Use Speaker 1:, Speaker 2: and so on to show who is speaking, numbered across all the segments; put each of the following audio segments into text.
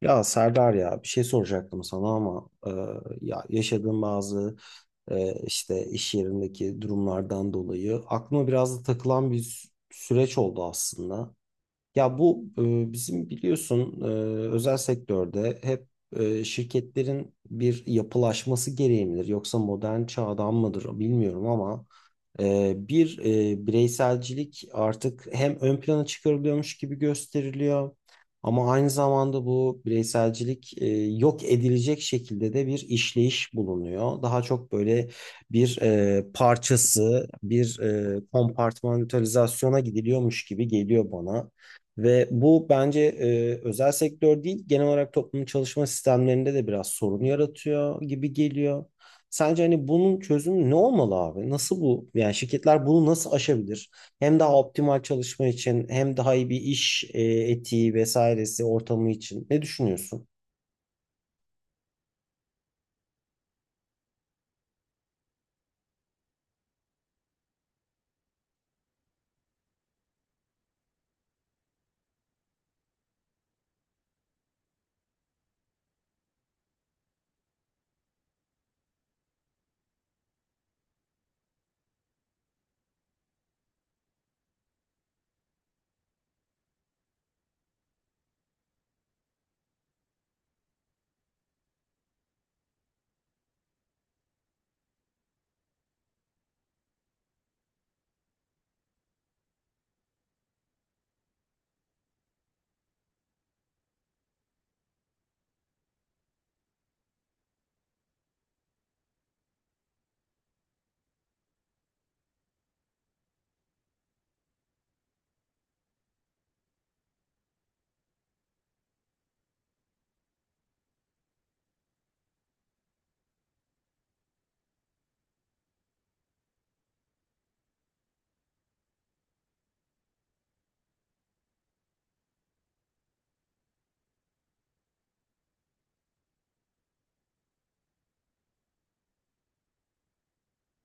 Speaker 1: Ya Serdar ya bir şey soracaktım sana ama ya yaşadığım bazı işte iş yerindeki durumlardan dolayı aklıma biraz da takılan bir süreç oldu aslında. Ya bu bizim biliyorsun, özel sektörde hep şirketlerin bir yapılaşması gereği midir yoksa modern çağdan mıdır bilmiyorum ama bir bireyselcilik artık hem ön plana çıkarılıyormuş gibi gösteriliyor ama aynı zamanda bu bireyselcilik yok edilecek şekilde de bir işleyiş bulunuyor. Daha çok böyle bir parçası, bir kompartmantalizasyona gidiliyormuş gibi geliyor bana. Ve bu bence özel sektör değil, genel olarak toplumun çalışma sistemlerinde de biraz sorun yaratıyor gibi geliyor. Sence hani bunun çözümü ne olmalı abi? Nasıl bu? Yani şirketler bunu nasıl aşabilir? Hem daha optimal çalışma için hem daha iyi bir iş etiği vesairesi ortamı için. Ne düşünüyorsun?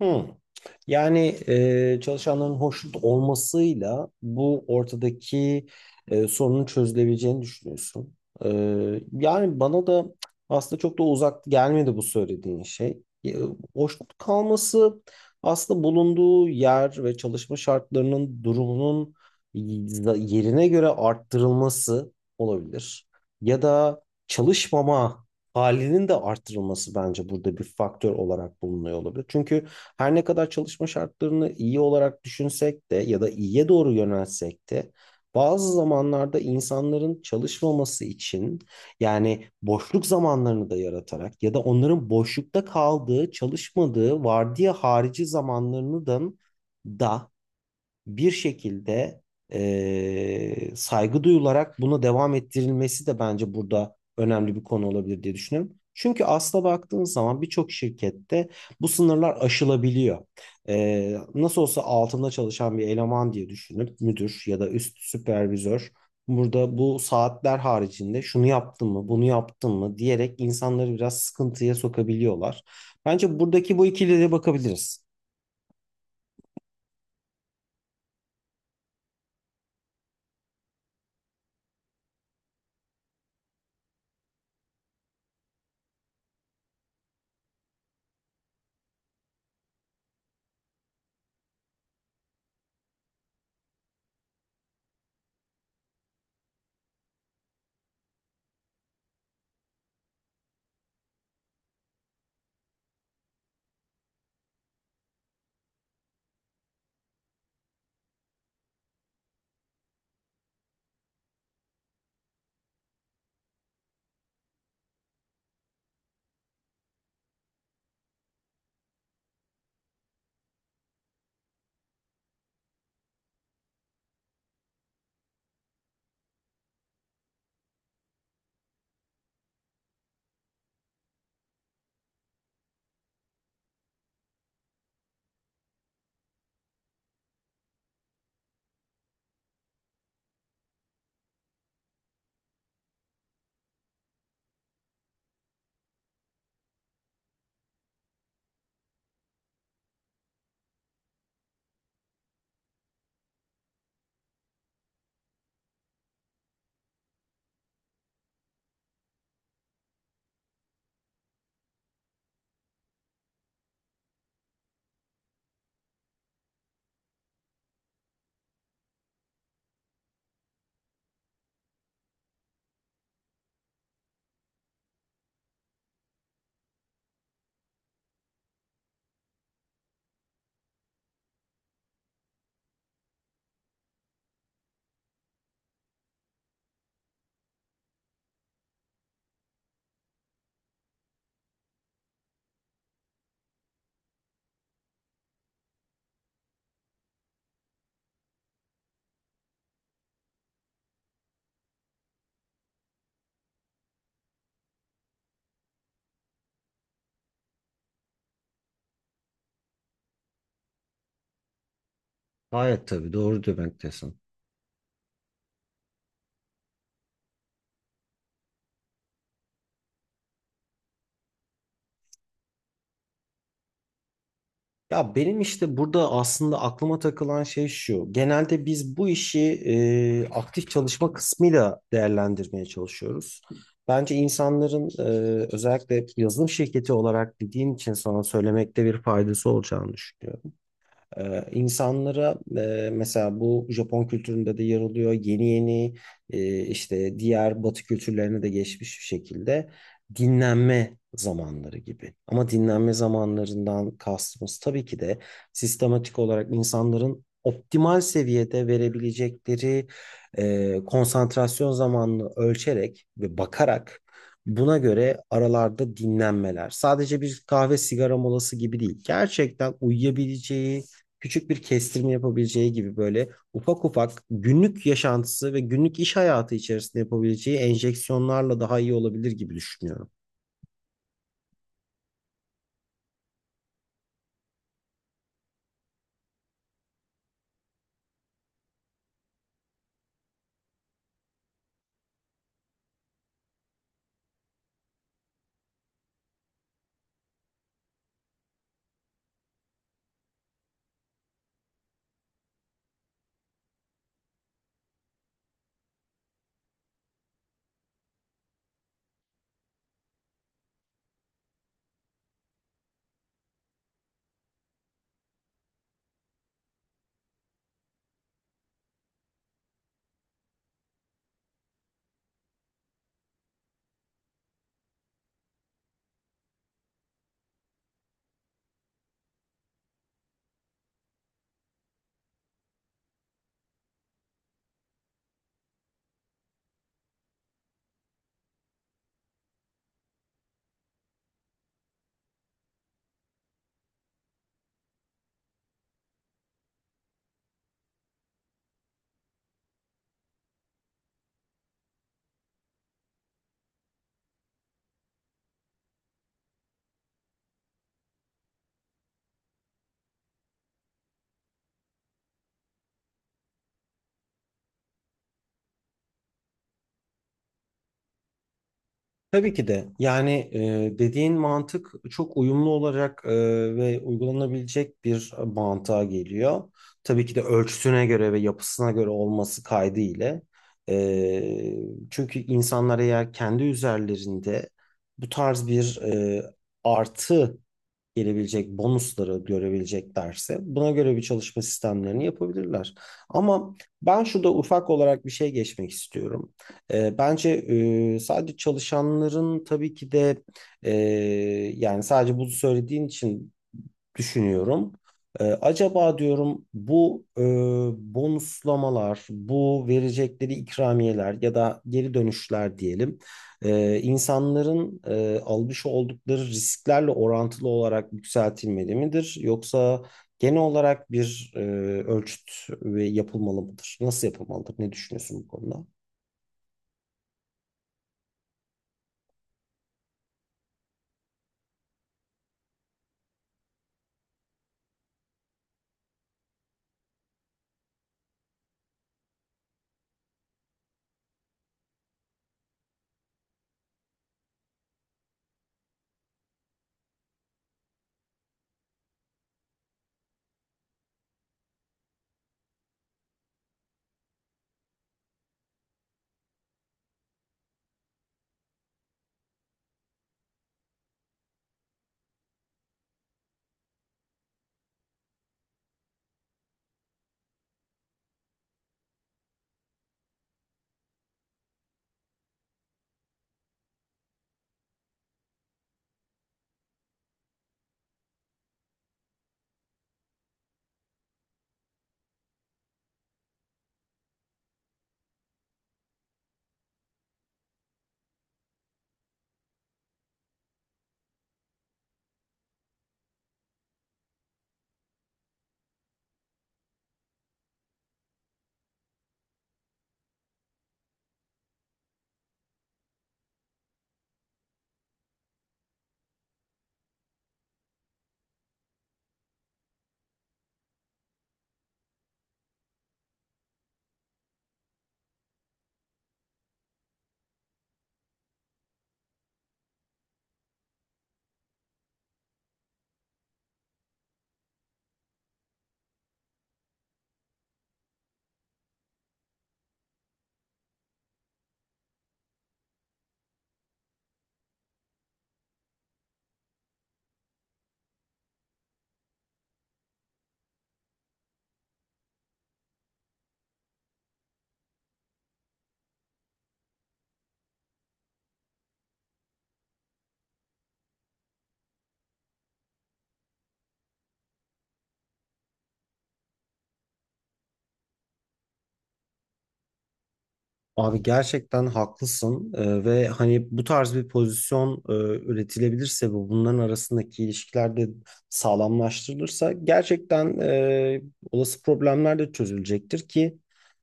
Speaker 1: Hmm. Yani çalışanların hoşnut olmasıyla bu ortadaki sorunun çözülebileceğini düşünüyorsun. E, yani bana da aslında çok da uzak gelmedi bu söylediğin şey. Hoşnut kalması aslında bulunduğu yer ve çalışma şartlarının durumunun yerine göre arttırılması olabilir. Ya da çalışmama halinin de artırılması bence burada bir faktör olarak bulunuyor olabilir. Çünkü her ne kadar çalışma şartlarını iyi olarak düşünsek de ya da iyiye doğru yönelsek de bazı zamanlarda insanların çalışmaması için yani boşluk zamanlarını da yaratarak ya da onların boşlukta kaldığı, çalışmadığı, vardiya harici zamanlarını da bir şekilde saygı duyularak buna devam ettirilmesi de bence burada önemli bir konu olabilir diye düşünüyorum. Çünkü asla baktığınız zaman birçok şirkette bu sınırlar aşılabiliyor. Nasıl olsa altında çalışan bir eleman diye düşünüp müdür ya da üst süpervizör burada bu saatler haricinde şunu yaptın mı, bunu yaptın mı diyerek insanları biraz sıkıntıya sokabiliyorlar. Bence buradaki bu ikiliye de bakabiliriz. Gayet tabii doğru demektesin. Ya benim işte burada aslında aklıma takılan şey şu. Genelde biz bu işi aktif çalışma kısmıyla değerlendirmeye çalışıyoruz. Bence insanların, özellikle yazılım şirketi olarak bildiğin için sana söylemekte bir faydası olacağını düşünüyorum. İnsanlara mesela bu Japon kültüründe de yer alıyor. Yeni yeni işte diğer Batı kültürlerine de geçmiş bir şekilde dinlenme zamanları gibi. Ama dinlenme zamanlarından kastımız tabii ki de sistematik olarak insanların optimal seviyede verebilecekleri konsantrasyon zamanını ölçerek ve bakarak buna göre aralarda dinlenmeler. Sadece bir kahve sigara molası gibi değil. Gerçekten uyuyabileceği, küçük bir kestirme yapabileceği gibi böyle ufak ufak günlük yaşantısı ve günlük iş hayatı içerisinde yapabileceği enjeksiyonlarla daha iyi olabilir gibi düşünüyorum. Tabii ki de yani dediğin mantık çok uyumlu olarak ve uygulanabilecek bir mantığa geliyor. Tabii ki de ölçüsüne göre ve yapısına göre olması kaydı ile. E, çünkü insanlar eğer kendi üzerlerinde bu tarz bir artı gelebilecek bonusları görebileceklerse buna göre bir çalışma sistemlerini yapabilirler. Ama ben şurada ufak olarak bir şey geçmek istiyorum. Bence sadece çalışanların tabii ki de, e, yani sadece bunu söylediğin için düşünüyorum. Acaba diyorum, bu bonuslamalar, bu verecekleri ikramiyeler ya da geri dönüşler diyelim, insanların almış oldukları risklerle orantılı olarak yükseltilmeli midir? Yoksa genel olarak bir ölçüt ve yapılmalı mıdır? Nasıl yapılmalıdır? Ne düşünüyorsun bu konuda? Abi gerçekten haklısın. Ve hani bu tarz bir pozisyon üretilebilirse ve bunların arasındaki ilişkiler de sağlamlaştırılırsa gerçekten olası problemler de çözülecektir ki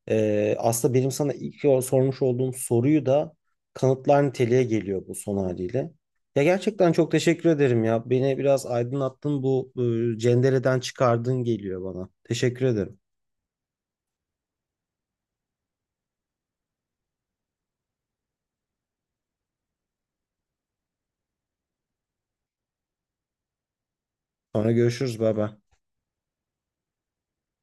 Speaker 1: aslında benim sana ilk sormuş olduğum soruyu da kanıtlar niteliğe geliyor bu son haliyle. Ya gerçekten çok teşekkür ederim ya. Beni biraz aydınlattın, bu cendereden çıkardın geliyor bana. Teşekkür ederim. Sonra görüşürüz. Bay bay.